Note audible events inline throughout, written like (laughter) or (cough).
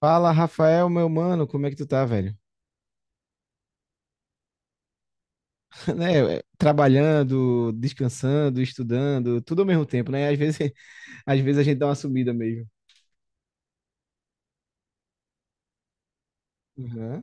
Fala, Rafael, meu mano, como é que tu tá, velho? (laughs) Né, é, trabalhando, descansando, estudando, tudo ao mesmo tempo, né? Às vezes, (laughs) às vezes a gente dá uma sumida mesmo. Uhum.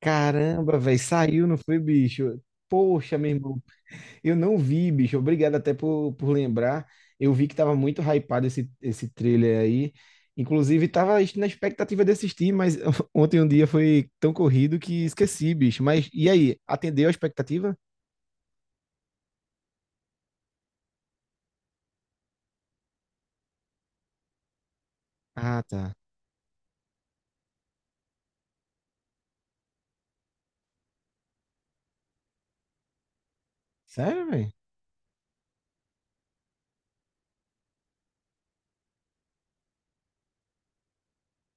Caramba, velho, saiu, não foi, bicho? Poxa, meu irmão, eu não vi, bicho. Obrigado até por lembrar. Eu vi que tava muito hypado esse trailer aí. Inclusive, tava na expectativa de assistir, mas (laughs) ontem um dia foi tão corrido que esqueci, bicho. Mas e aí, atendeu a expectativa? Ah, tá. Sério, velho?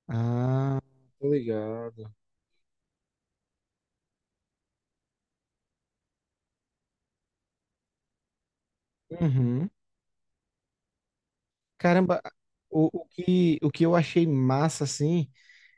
Ah, tô ligado. Uhum. Caramba, o que eu achei massa, assim,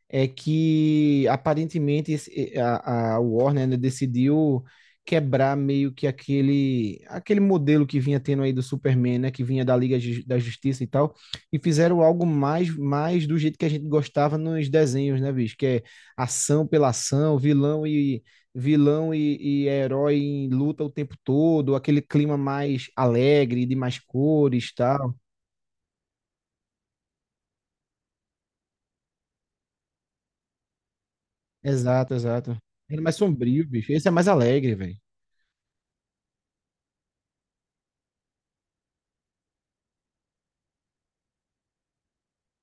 é que aparentemente a Warner, né, decidiu quebrar meio que aquele modelo que vinha tendo aí do Superman, né, que vinha da Justiça e tal, e fizeram algo mais do jeito que a gente gostava nos desenhos, né, bicho, que é ação pela ação, vilão e vilão e herói em luta o tempo todo, aquele clima mais alegre, de mais cores, e tal. Exato, exato. Ele é mais sombrio, bicho. Esse é mais alegre, velho.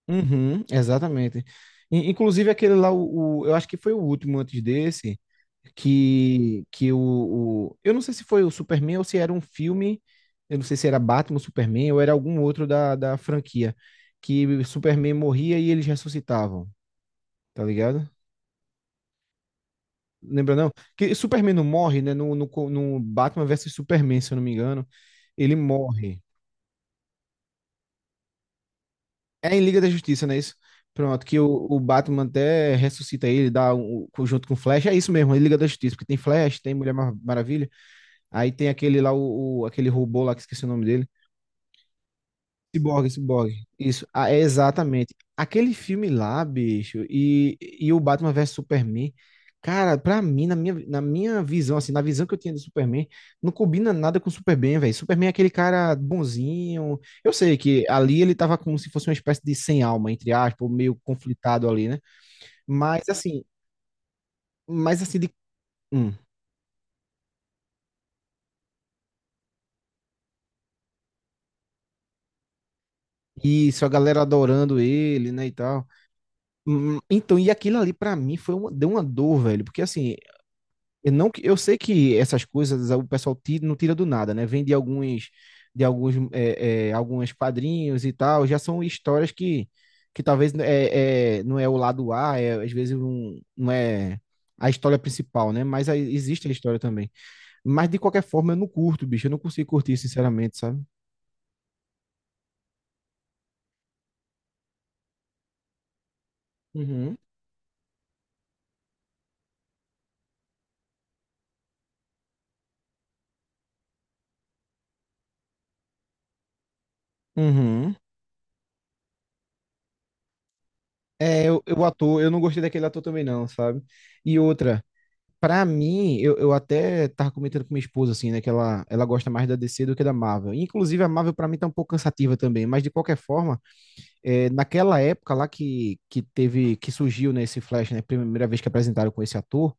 Uhum, exatamente. Inclusive aquele lá, eu acho que foi o último antes desse. Que, que o, o- Eu não sei se foi o Superman ou se era um filme. Eu não sei se era Batman, Superman ou era algum outro da franquia, que o Superman morria e eles ressuscitavam, tá ligado? Lembra não? Que Superman não morre, né? No Batman versus Superman, se eu não me engano, ele morre. É em Liga da Justiça, não é isso? Pronto, que o Batman até ressuscita ele, dá junto com o Flash. É isso mesmo, é Liga da Justiça, porque tem Flash, tem Mulher Maravilha, aí tem aquele lá, aquele robô lá que esqueci o nome dele. Ciborgue, Ciborgue. Isso, ah, é exatamente. Aquele filme lá, bicho, e o Batman vs Superman, cara, pra mim, na minha visão, assim, na visão que eu tinha de Superman, não combina nada com o Superman, velho. Superman é aquele cara bonzinho. Eu sei que ali ele tava como se fosse uma espécie de sem alma, entre aspas, ou meio conflitado ali, né? Mas assim, mas assim, de. Hum. Isso, a galera adorando ele, né, e tal. Então, e aquilo ali pra mim deu uma dor, velho, porque assim, Eu não. Eu sei que essas coisas o pessoal tira, não tira do nada, né? Vem de alguns quadrinhos e tal. Já são histórias que talvez não é o lado A, às vezes não é a história principal, né? Mas aí existe a história também. Mas de qualquer forma, eu não curto, bicho. Eu não consigo curtir, sinceramente, sabe? Uhum. Uhum. É, eu não gostei daquele ator também não, sabe? E outra. Pra mim, eu até tava comentando com minha esposa, assim, né, que ela gosta mais da DC do que da Marvel. Inclusive, a Marvel pra mim tá um pouco cansativa também, mas de qualquer forma, é, naquela época lá que que surgiu, né, esse Flash, né, primeira vez que apresentaram com esse ator.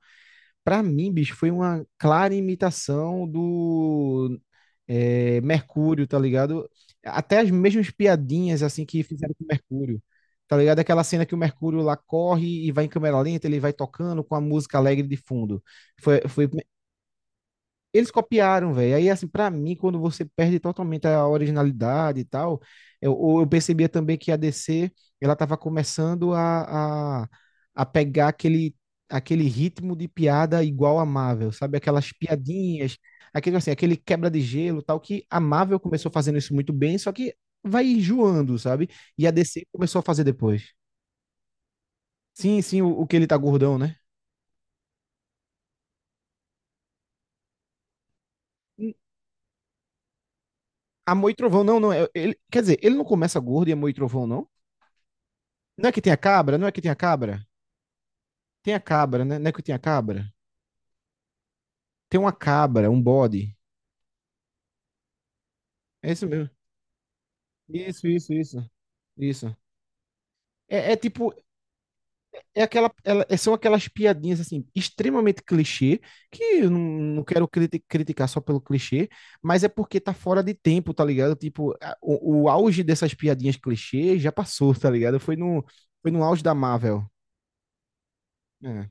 Pra mim, bicho, foi uma clara imitação do Mercúrio, tá ligado? Até as mesmas piadinhas, assim, que fizeram com o Mercúrio. Tá ligado? Aquela cena que o Mercúrio lá corre e vai em câmera lenta, ele vai tocando com a música alegre de fundo. Foi, foi eles copiaram, velho. Aí, assim, pra mim, quando você perde totalmente a originalidade e tal, ou eu percebia também que a DC, ela tava começando a pegar aquele aquele ritmo de piada igual a Marvel, sabe? Aquelas piadinhas, aquele, assim, aquele quebra de gelo, tal, que a Marvel começou fazendo isso muito bem, só que vai enjoando, sabe? E a DC começou a fazer depois. Sim, sim, o que ele tá gordão, né? Hum, Amor e Trovão, não, não. Ele, quer dizer, ele não começa gordo e Amor e Trovão, não? Não é que tem a cabra? Não é que tem a cabra? Tem a cabra, né? Não é que tem a cabra? Tem uma cabra, um bode. É isso mesmo. Isso, isso, isso. Isso. É, é tipo, são aquelas piadinhas assim, extremamente clichê, que eu não quero criticar só pelo clichê, mas é porque tá fora de tempo, tá ligado? Tipo, o auge dessas piadinhas clichê já passou, tá ligado? Foi no auge da Marvel. É.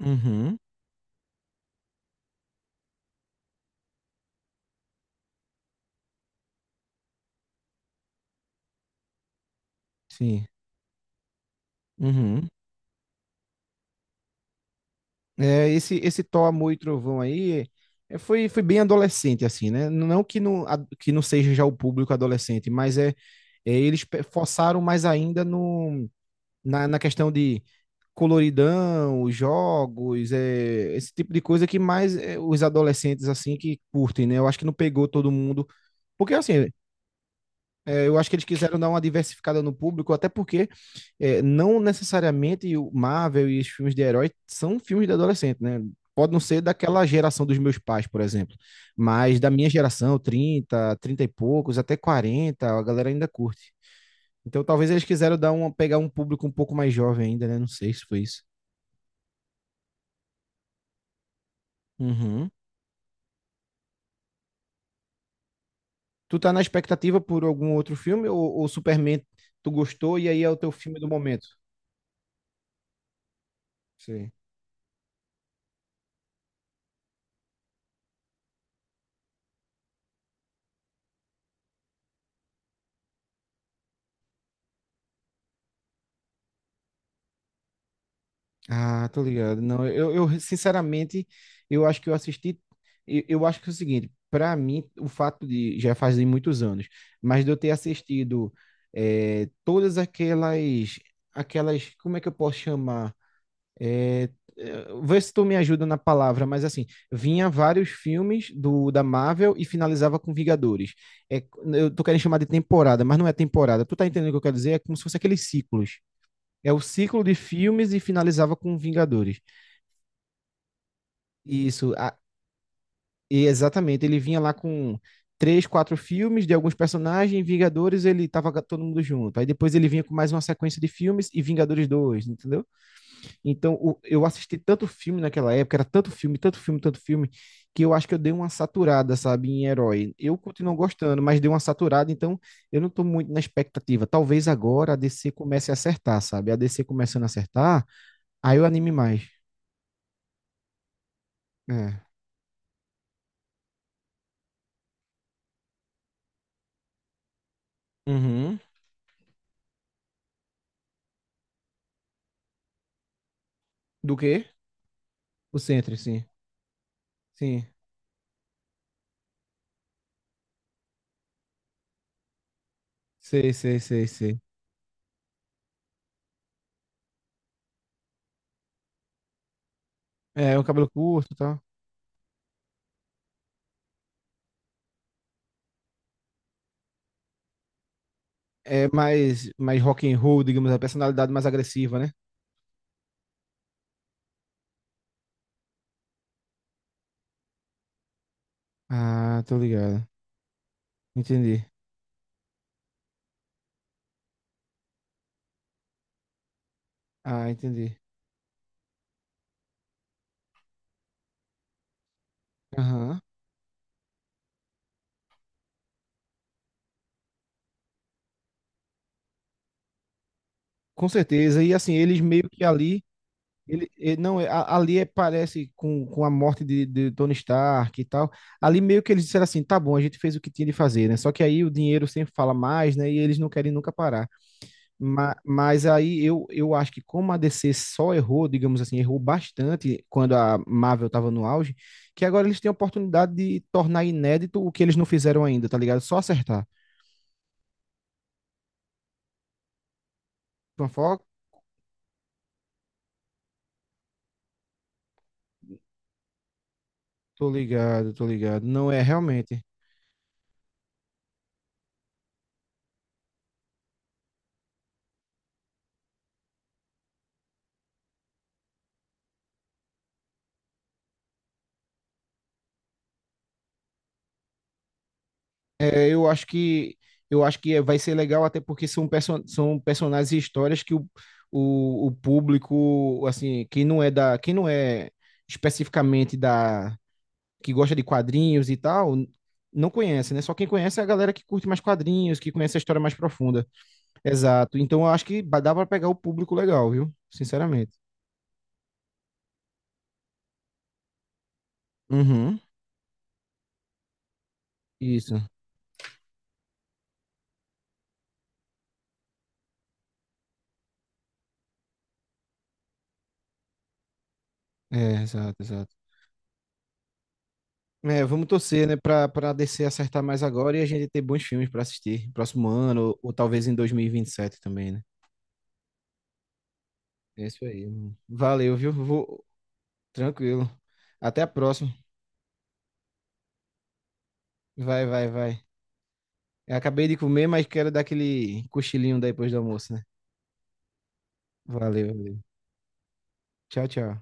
Uhum, sim. Uhum. É, esse Thor, Amor e Trovão aí foi bem adolescente, assim, né? Não que não, que não seja já o público adolescente, mas forçaram mais ainda no, na questão de coloridão, os jogos, esse tipo de coisa que mais os adolescentes, assim, que curtem, né? Eu acho que não pegou todo mundo. Porque, assim, eu acho que eles quiseram dar uma diversificada no público, até porque não necessariamente o Marvel e os filmes de herói são filmes de adolescente, né? Pode não ser daquela geração dos meus pais, por exemplo, mas da minha geração, 30, 30 e poucos, até 40, a galera ainda curte. Então talvez eles quiseram pegar um público um pouco mais jovem ainda, né? Não sei se foi isso. Uhum. Tu tá na expectativa por algum outro filme ou Superman tu gostou e aí é o teu filme do momento? Sei. Ah, tô ligado. Não, eu, sinceramente, eu acho que eu assisti. Eu acho que é o seguinte, pra mim, o fato de já fazem muitos anos, mas de eu ter assistido todas aquelas, como é que eu posso chamar? Vê se tu me ajuda na palavra, mas assim, vinha vários filmes do da Marvel e finalizava com Vingadores. É, eu tô querendo chamar de temporada, mas não é temporada. Tu tá entendendo o que eu quero dizer? É como se fosse aqueles ciclos. É o ciclo de filmes e finalizava com Vingadores. Isso, e exatamente. Ele vinha lá com três, quatro filmes de alguns personagens, Vingadores, ele tava com todo mundo junto. Aí depois ele vinha com mais uma sequência de filmes e Vingadores dois, entendeu? Então eu assisti tanto filme naquela época, era tanto filme, tanto filme, tanto filme, que eu acho que eu dei uma saturada, sabe, em herói. Eu continuo gostando, mas dei uma saturada, então eu não tô muito na expectativa. Talvez agora a DC comece a acertar, sabe? A DC começando a acertar, aí eu anime mais. É. Uhum. Do quê? O Sentry, sim. Sim. Sei, sei, sei, sei. É, o cabelo curto e tal. É mais, mais rock and roll, digamos, a personalidade mais agressiva, né? Ah, tô ligado. Entendi. Ah, entendi. Aham. Com certeza. E assim, eles meio que ali. Não, ali parece com a morte de Tony Stark e tal. Ali meio que eles disseram assim: tá bom, a gente fez o que tinha de fazer, né? Só que aí o dinheiro sempre fala mais, né? E eles não querem nunca parar. Mas, aí eu acho que como a DC só errou, digamos assim, errou bastante quando a Marvel estava no auge, que agora eles têm a oportunidade de tornar inédito o que eles não fizeram ainda, tá ligado? Só acertar. Tom Fox? Tô ligado, tô ligado. Não é realmente. É, eu acho que vai ser legal até porque são personagens e histórias que o público, assim, quem não é especificamente da que gosta de quadrinhos e tal, não conhece, né? Só quem conhece é a galera que curte mais quadrinhos, que conhece a história mais profunda. Exato. Então eu acho que dá pra pegar o público legal, viu? Sinceramente. Uhum. Isso. É, exato, exato. É, vamos torcer, né, pra DC acertar mais agora e a gente ter bons filmes pra assistir próximo ano, ou talvez em dois mil e vinte e sete também, né? É isso aí, mano. Valeu, viu? Vou... Tranquilo. Até a próxima. Vai, vai, vai. Eu acabei de comer, mas quero dar aquele cochilinho depois do almoço, né? Valeu. Tchau, tchau.